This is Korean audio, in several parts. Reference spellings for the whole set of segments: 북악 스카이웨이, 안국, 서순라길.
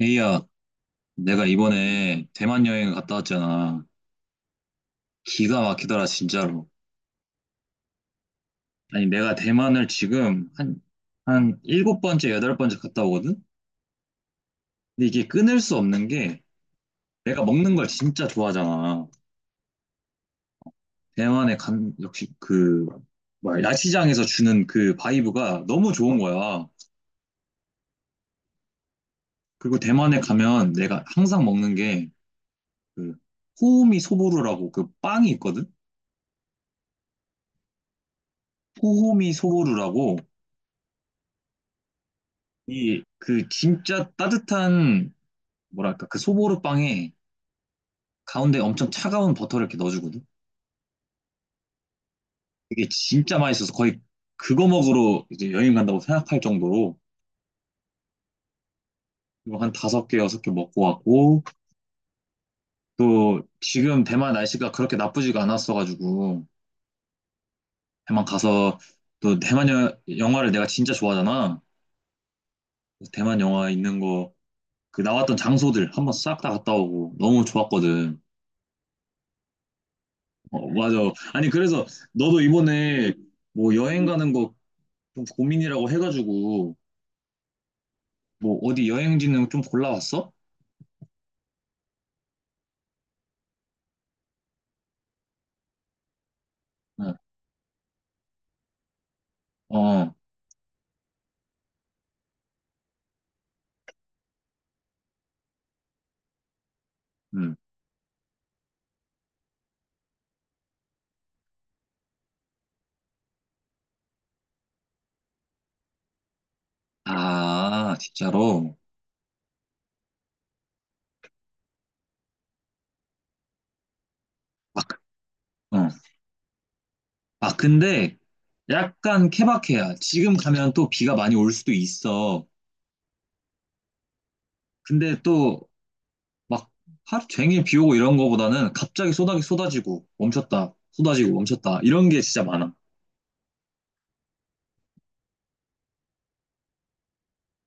에이야, 내가 이번에 대만 여행을 갔다 왔잖아. 기가 막히더라, 진짜로. 아니, 내가 대만을 지금 한 일곱 번째, 여덟 번째 갔다 오거든? 근데 이게 끊을 수 없는 게 내가 먹는 걸 진짜 좋아하잖아. 대만에 간, 역시 그, 뭐야, 야시장에서 주는 그 바이브가 너무 좋은 거야. 그리고 대만에 가면 내가 항상 먹는 게 그, 호우미 소보루라고 그 빵이 있거든? 호호미 소보루라고 이, 그, 진짜 따뜻한 뭐랄까 그 소보루 빵에 가운데 엄청 차가운 버터를 이렇게 넣어주거든. 그게 진짜 맛있어서 거의 그거 먹으러 이제 여행 간다고 생각할 정도로 이거 한 다섯 개 여섯 개 먹고 왔고 또 지금 대만 날씨가 그렇게 나쁘지가 않았어가지고 대만 가서 또 대만 영화를 내가 진짜 좋아하잖아. 그래서 대만 영화 있는 거 그 나왔던 장소들 한번 싹 다 갔다 오고 너무 좋았거든. 어, 맞아. 아니 그래서 너도 이번에 뭐 여행 가는 거 좀 고민이라고 해가지고 뭐 어디 여행지는 좀 골라왔어? 응. 어, 음. 아, 진짜로. 아, 어. 아, 근데 약간 케바케야. 지금 가면 또 비가 많이 올 수도 있어. 근데 또 막 하루 종일 비 오고 이런 거보다는 갑자기 쏟아지고 멈췄다, 쏟아지고 멈췄다 이런 게 진짜 많아.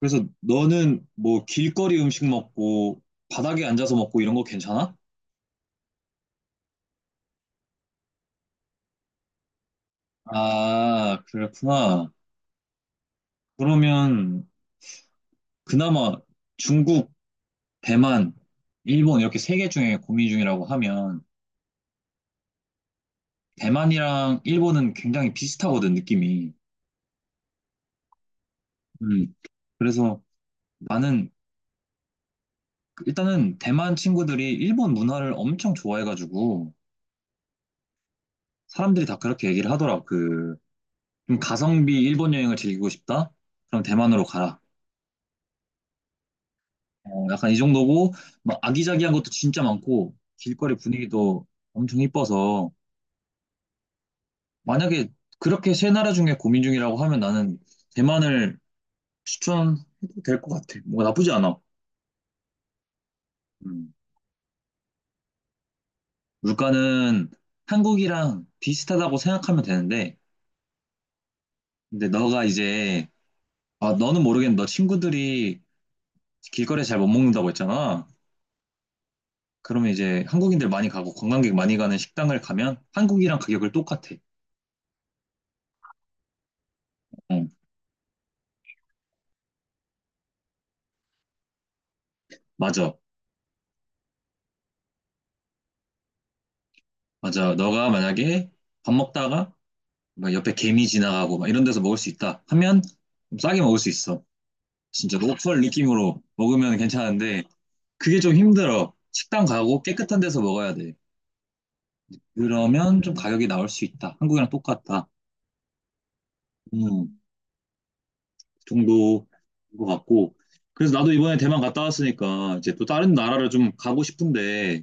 그래서 너는 뭐 길거리 음식 먹고 바닥에 앉아서 먹고 이런 거 괜찮아? 아, 그렇구나. 그러면 그나마 중국 대만, 일본 이렇게 세 개 중에 고민 중이라고 하면 대만이랑 일본은 굉장히 비슷하거든, 느낌이. 음. 그래서 나는 일단은 대만 친구들이 일본 문화를 엄청 좋아해가지고 사람들이 다 그렇게 얘기를 하더라. 그, 좀 가성비 일본 여행을 즐기고 싶다? 그럼 대만으로 가라. 어, 약간 이 정도고, 막 아기자기한 것도 진짜 많고, 길거리 분위기도 엄청 이뻐서, 만약에 그렇게 세 나라 중에 고민 중이라고 하면 나는 대만을 추천해도 될 것 같아. 뭐 나쁘지 않아. 음. 물가는 한국이랑 비슷하다고 생각하면 되는데, 근데 너가 이제, 아, 너는 모르겠는데, 너 친구들이 길거리에 잘 못 먹는다고 했잖아. 그러면 이제 한국인들 많이 가고 관광객 많이 가는 식당을 가면 한국이랑 가격을 똑같아. 응, 맞아. 맞아. 너가 만약에 밥 먹다가 막 옆에 개미 지나가고 막 이런 데서 먹을 수 있다 하면 좀 싸게 먹을 수 있어. 진짜 로컬 느낌으로 먹으면 괜찮은데, 그게 좀 힘들어. 식당 가고 깨끗한 데서 먹어야 돼. 그러면 좀 가격이 나올 수 있다. 한국이랑 똑같다. 음, 그 정도인 것 같고. 그래서 나도 이번에 대만 갔다 왔으니까 이제 또 다른 나라를 좀 가고 싶은데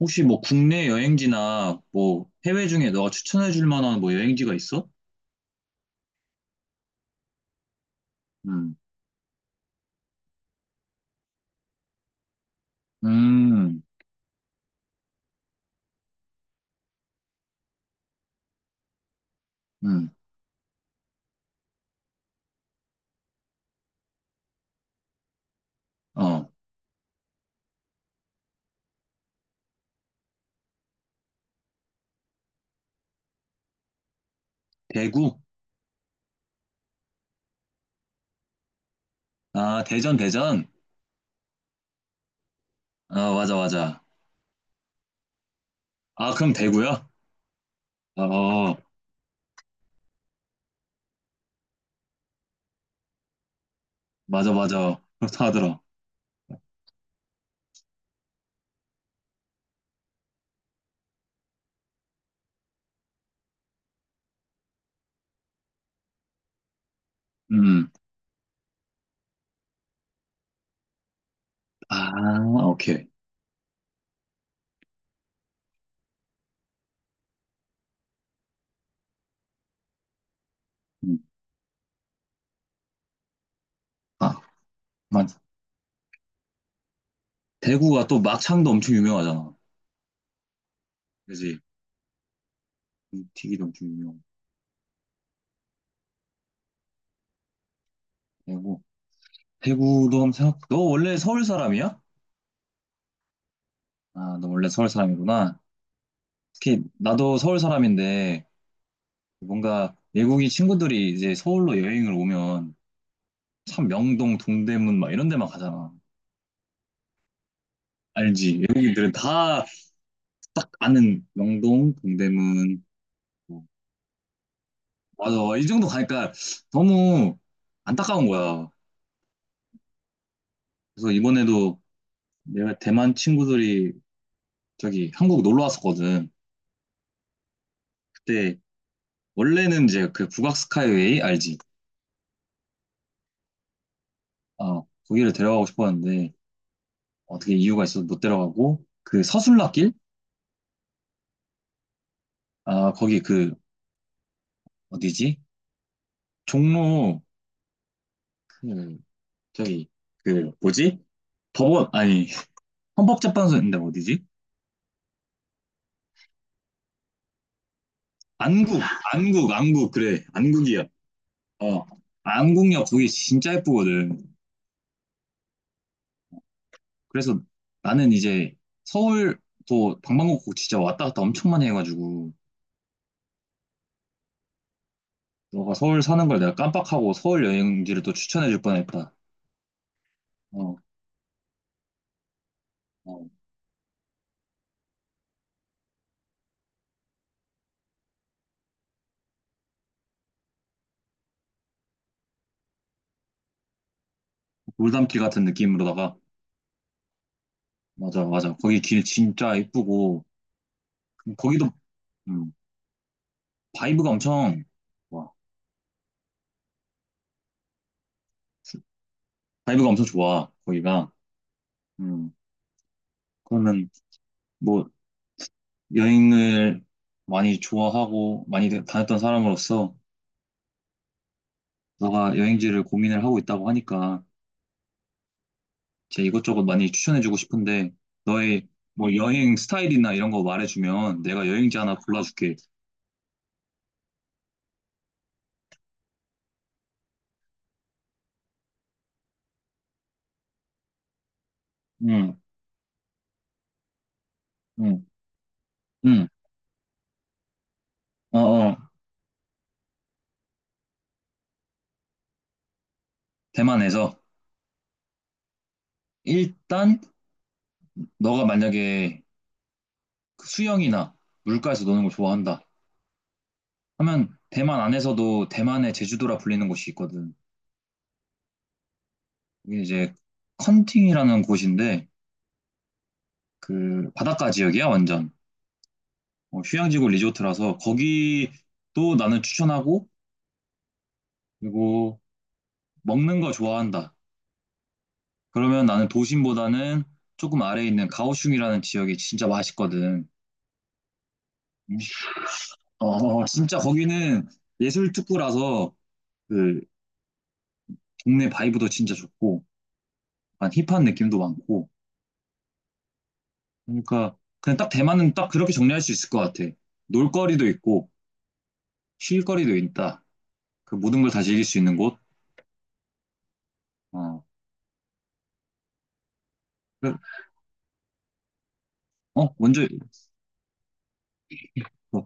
혹시 뭐 국내 여행지나 뭐 해외 중에 너가 추천해 줄 만한 뭐 여행지가 있어? 음, 음, 음, 어, 대구? 아, 대전, 대전? 아, 맞아, 맞아. 아, 그럼 대구야? 어, 어. 맞아, 맞아. 그렇다 하더라. 음. 아, 오케이. 음. 아, 맞. 대구가 또 막창도 엄청 유명하잖아. 그지? 튀기도 엄청 유명하고. 대구. 대구도 한번 생각, 너 원래 서울 사람이야? 아, 너 원래 서울 사람이구나. 특히 나도 서울 사람인데 뭔가 외국인 친구들이 이제 서울로 여행을 오면 참 명동, 동대문 막 이런 데만 가잖아. 알지? 외국인들은 다 딱 아는 명동, 동대문. 뭐. 맞아. 이 정도 가니까 너무 안타까운 거야. 그래서 이번에도 내가 대만 친구들이 저기 한국 놀러 왔었거든. 그때 원래는 이제 그 북악 스카이웨이 알지? 아, 거기를 데려가고 싶었는데 어떻게 이유가 있어서 못 데려가고 그 서순라길? 아, 거기 그 어디지? 종로 그 저기 그 뭐지? 법원 아니 헌법재판소인데 어디지? 안국 안국 그래 안국이야. 어 안국역 거기 진짜 예쁘거든. 그래서 나는 이제 서울도 방방곡곡 진짜 왔다 갔다 엄청 많이 해가지고 너가 서울 사는 걸 내가 깜빡하고 서울 여행지를 또 추천해줄 뻔했다. 어, 어. 돌담길 같은 느낌으로다가 맞아 맞아 거기 길 진짜 이쁘고 거기도 음, 바이브가 엄청 좋아. 바이브가 엄청 좋아 거기가. 음, 그러면 뭐 여행을 많이 좋아하고 많이 다녔던 사람으로서 너가 여행지를 고민을 하고 있다고 하니까. 제 이것저것 많이 추천해주고 싶은데 너의 뭐 여행 스타일이나 이런 거 말해주면 내가 여행지 하나 골라줄게. 응, 응, 응. 어, 어. 대만에서 일단 너가 만약에 그 수영이나 물가에서 노는 걸 좋아한다 하면 대만 안에서도 대만의 제주도라 불리는 곳이 있거든. 이게 이제 컨팅이라는 곳인데 그 바닷가 지역이야 완전 어, 휴양지고 리조트라서 거기도 나는 추천하고 그리고 먹는 거 좋아한다. 그러면 나는 도심보다는 조금 아래에 있는 가오슝이라는 지역이 진짜 맛있거든. 음식- 어, 진짜 거기는 예술 특구라서 그 동네 바이브도 진짜 좋고, 약간 힙한 느낌도 많고. 그러니까 그냥 딱 대만은 딱 그렇게 정리할 수 있을 것 같아. 놀거리도 있고, 쉴거리도 있다. 그 모든 걸 다 즐길 수 있는 곳. 어, 그- 어, 먼저, 어,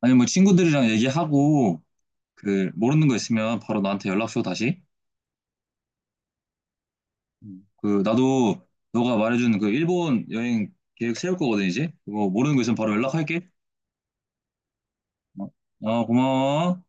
아니 뭐 친구들이랑 얘기하고, 그 모르는 거 있으면 바로 나한테 연락 줘, 다시. 음. 그 나도 너가 말해준 그 일본 여행 계획 세울 거거든 이제 그거 모르는 거 있으면 바로 연락할게 어, 어, 고마워